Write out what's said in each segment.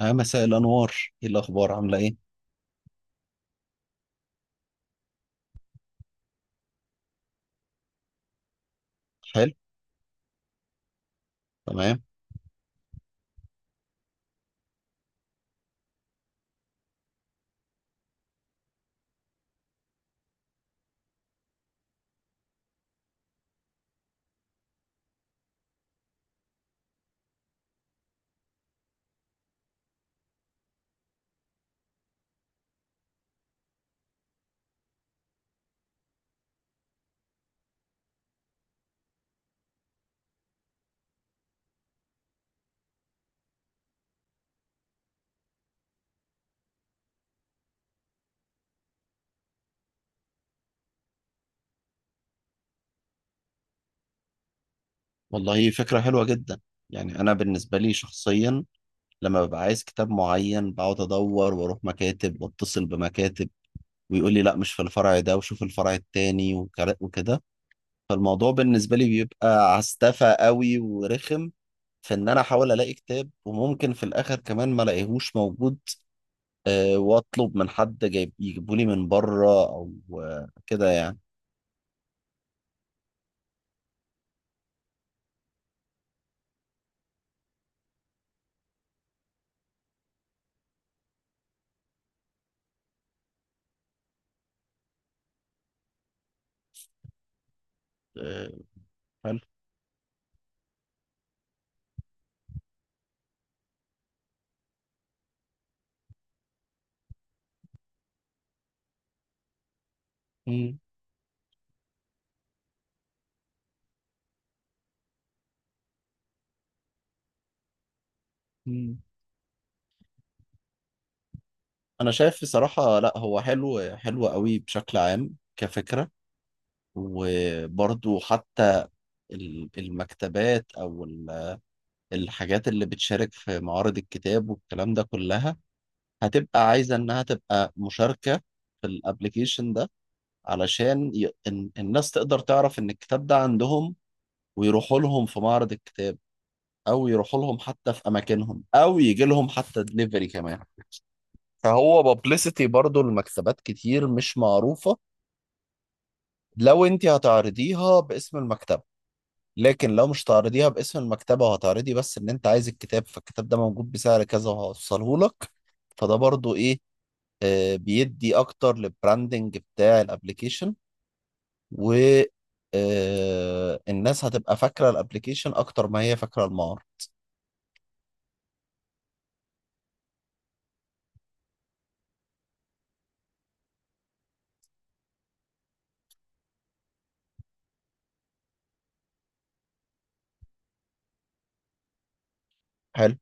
مساء الأنوار. إيه الأخبار عاملة إيه؟ حلو. تمام. والله فكرة حلوة جدا. يعني أنا بالنسبة لي شخصيا لما ببقى عايز كتاب معين بقعد أدور وأروح مكاتب وأتصل بمكاتب ويقول لي لا مش في الفرع ده وشوف الفرع التاني وكده. فالموضوع بالنسبة لي بيبقى عستفى قوي ورخم في إن أنا أحاول ألاقي كتاب وممكن في الآخر كمان ما ألاقيهوش موجود. وأطلب من حد جايب يجيبولي من بره أو كده يعني. آه، حلو. مم. انا شايف بصراحة لا هو حلو حلو قوي بشكل عام كفكرة. وبرضو حتى المكتبات او الحاجات اللي بتشارك في معارض الكتاب والكلام ده كلها هتبقى عايزة انها تبقى مشاركة في الابليكيشن ده. علشان الناس تقدر تعرف ان الكتاب ده عندهم ويروحوا لهم في معرض الكتاب او يروحوا لهم حتى في اماكنهم او يجي لهم حتى دليفري كمان. فهو بابليستي برضو المكتبات كتير مش معروفة. لو انت هتعرضيها باسم المكتبة. لكن لو مش هتعرضيها باسم المكتبة وهتعرضي بس ان انت عايز الكتاب فالكتاب ده موجود بسعر كذا وهوصله لك. فده برضو ايه. بيدي اكتر للبراندنج بتاع الابليكيشن. و الناس هتبقى فاكرة الابليكيشن اكتر ما هي فاكرة المعرض. حلو.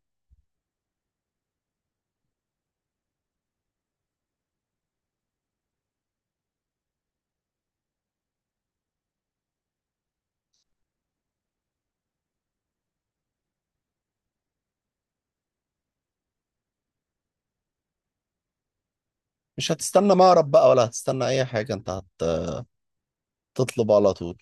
مش هتستنى معرض بقى ولا هتستنى اي حاجة انت هتطلب على طول.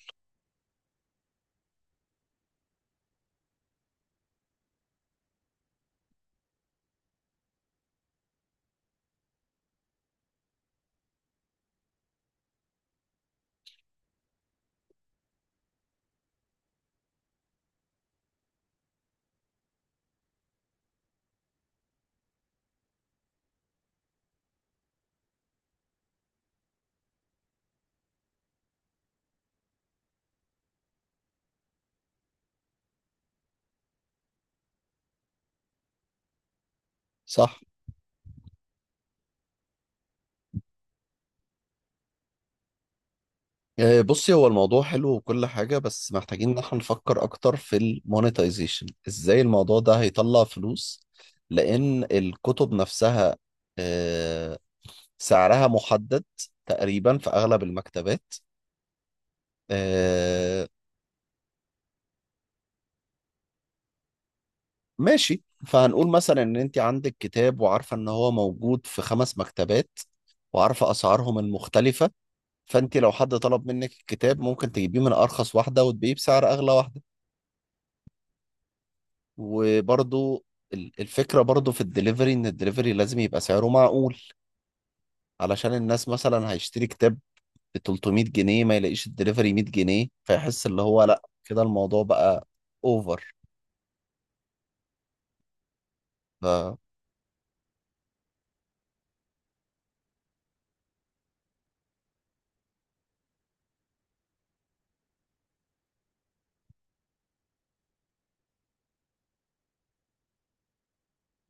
صح. بصي هو الموضوع حلو وكل حاجة بس محتاجين ان احنا نفكر اكتر في المونetization ازاي الموضوع ده هيطلع فلوس. لان الكتب نفسها آه، سعرها محدد تقريبا في اغلب المكتبات. آه، ماشي فهنقول مثلا ان انت عندك كتاب وعارفة ان هو موجود في 5 مكتبات وعارفة اسعارهم المختلفة. فانت لو حد طلب منك الكتاب ممكن تجيبيه من ارخص واحدة وتبيعيه بسعر اغلى واحدة. وبرضو الفكرة برضو في الدليفري ان الدليفري لازم يبقى سعره معقول. علشان الناس مثلا هيشتري كتاب ب 300 جنيه ما يلاقيش الدليفري 100 جنيه فيحس اللي هو لا كده الموضوع بقى اوفر. ف...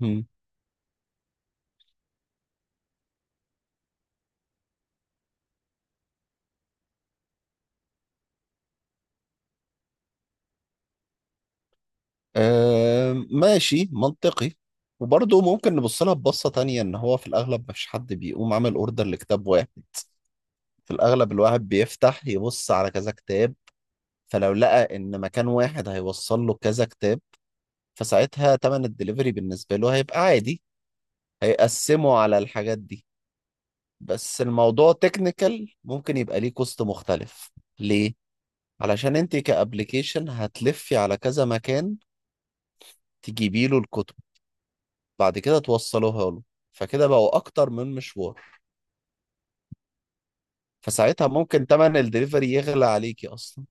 هم. ماشي منطقي. وبرضه ممكن نبص لها ببصة تانية إن هو في الأغلب مفيش حد بيقوم عامل أوردر لكتاب واحد. في الأغلب الواحد بيفتح يبص على كذا كتاب فلو لقى إن مكان واحد هيوصل له كذا كتاب فساعتها تمن الدليفري بالنسبة له هيبقى عادي. هيقسمه على الحاجات دي. بس الموضوع تكنيكال ممكن يبقى ليه كوست مختلف. ليه؟ علشان انت كأبليكيشن هتلفي على كذا مكان تجيبي له الكتب بعد كده توصلوها له فكده بقوا أكتر من مشوار. فساعتها ممكن تمن الدليفري يغلى عليكي أصلا.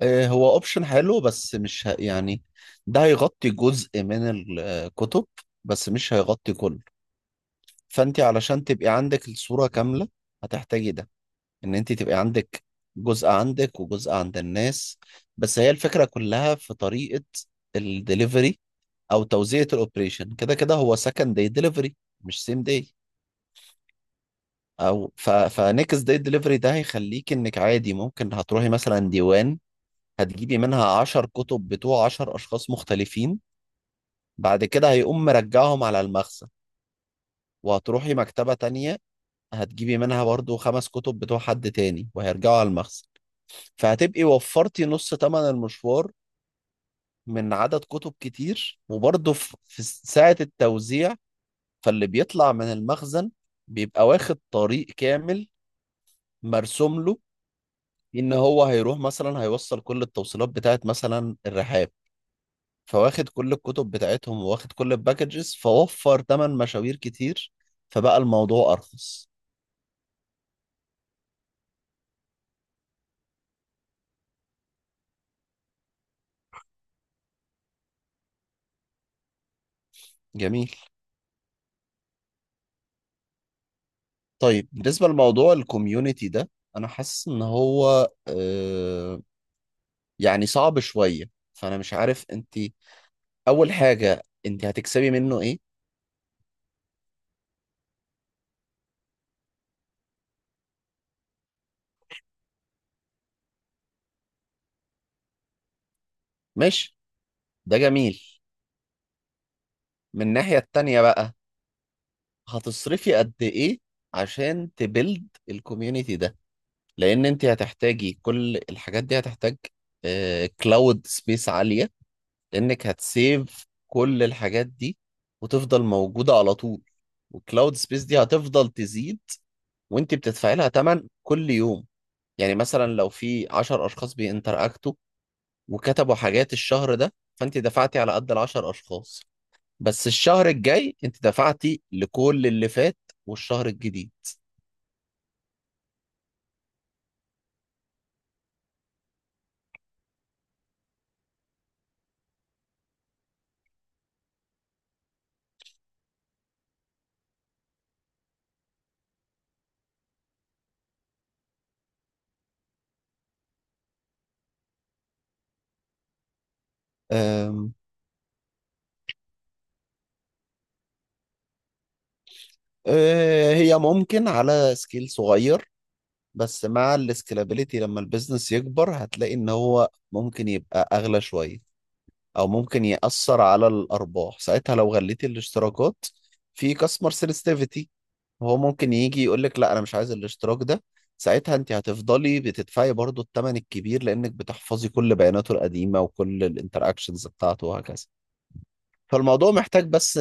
هو أوبشن حلو بس مش يعني ده هيغطي جزء من الكتب بس مش هيغطي كله. فانت علشان تبقي عندك الصورة كاملة هتحتاجي ده ان انت تبقي عندك جزء عندك وجزء عند الناس. بس هي الفكرة كلها في طريقة الدليفري او توزيعة الاوبريشن كده كده هو سكند داي دليفري مش سيم داي. او فنكس داي دليفري ده هيخليك انك عادي ممكن هتروحي مثلا ديوان هتجيبي منها 10 كتب بتوع 10 اشخاص مختلفين. بعد كده هيقوم مرجعهم على المخزن. وهتروحي مكتبة تانية هتجيبي منها برضو 5 كتب بتوع حد تاني وهيرجعوا على المخزن. فهتبقي وفرتي نص تمن المشوار من عدد كتب كتير وبرضو في ساعة التوزيع. فاللي بيطلع من المخزن بيبقى واخد طريق كامل مرسوم له إن هو هيروح مثلا هيوصل كل التوصيلات بتاعت مثلا الرحاب. فواخد كل الكتب بتاعتهم وواخد كل الباكجز فوفر تمن مشاوير كتير. فبقى الموضوع أرخص. جميل. طيب بالنسبة لموضوع الكوميونتي ده أنا حاسس إن هو يعني صعب شوية. فأنا مش عارف أنت. أول حاجة أنت هتكسبي منه إيه؟ ماشي. ده جميل. من الناحية التانية بقى هتصرفي قد إيه عشان تبيلد الكوميونتي ده؟ لأن أنت هتحتاجي كل الحاجات دي هتحتاج كلاود سبيس عالية. لأنك هتسيف كل الحاجات دي وتفضل موجودة على طول. والكلاود سبيس دي هتفضل تزيد وانت بتدفعي لها تمن كل يوم. يعني مثلا لو في 10 اشخاص بينتراكتوا وكتبوا حاجات الشهر ده فانت دفعتي على قد ال 10 اشخاص. بس الشهر الجاي انت دفعتي لكل اللي فات والشهر الجديد. أم. أه، هي ممكن على سكيل صغير بس مع السكيلابيليتي لما البيزنس يكبر هتلاقي ان هو ممكن يبقى اغلى شوية او ممكن يأثر على الارباح ساعتها لو غليتي الاشتراكات. في كاستمر سنسitivities هو ممكن يجي يقول لك لا انا مش عايز الاشتراك ده. ساعتها انت هتفضلي بتدفعي برضو الثمن الكبير لانك بتحفظي كل بياناته القديمه وكل الانتراكشنز بتاعته وهكذا. فالموضوع محتاج بس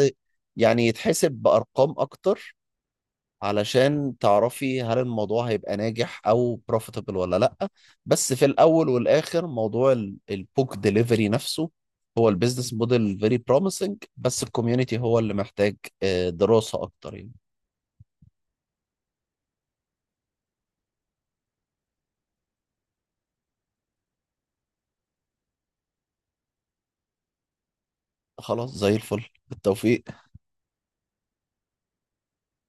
يعني يتحسب بارقام اكتر علشان تعرفي هل الموضوع هيبقى ناجح او بروفيتبل ولا لا. بس في الاول والاخر موضوع البوك ديليفري نفسه هو البيزنس موديل فيري بروميسنج بس الكوميونتي هو اللي محتاج دراسة اكتر يعني. خلاص زي الفل بالتوفيق.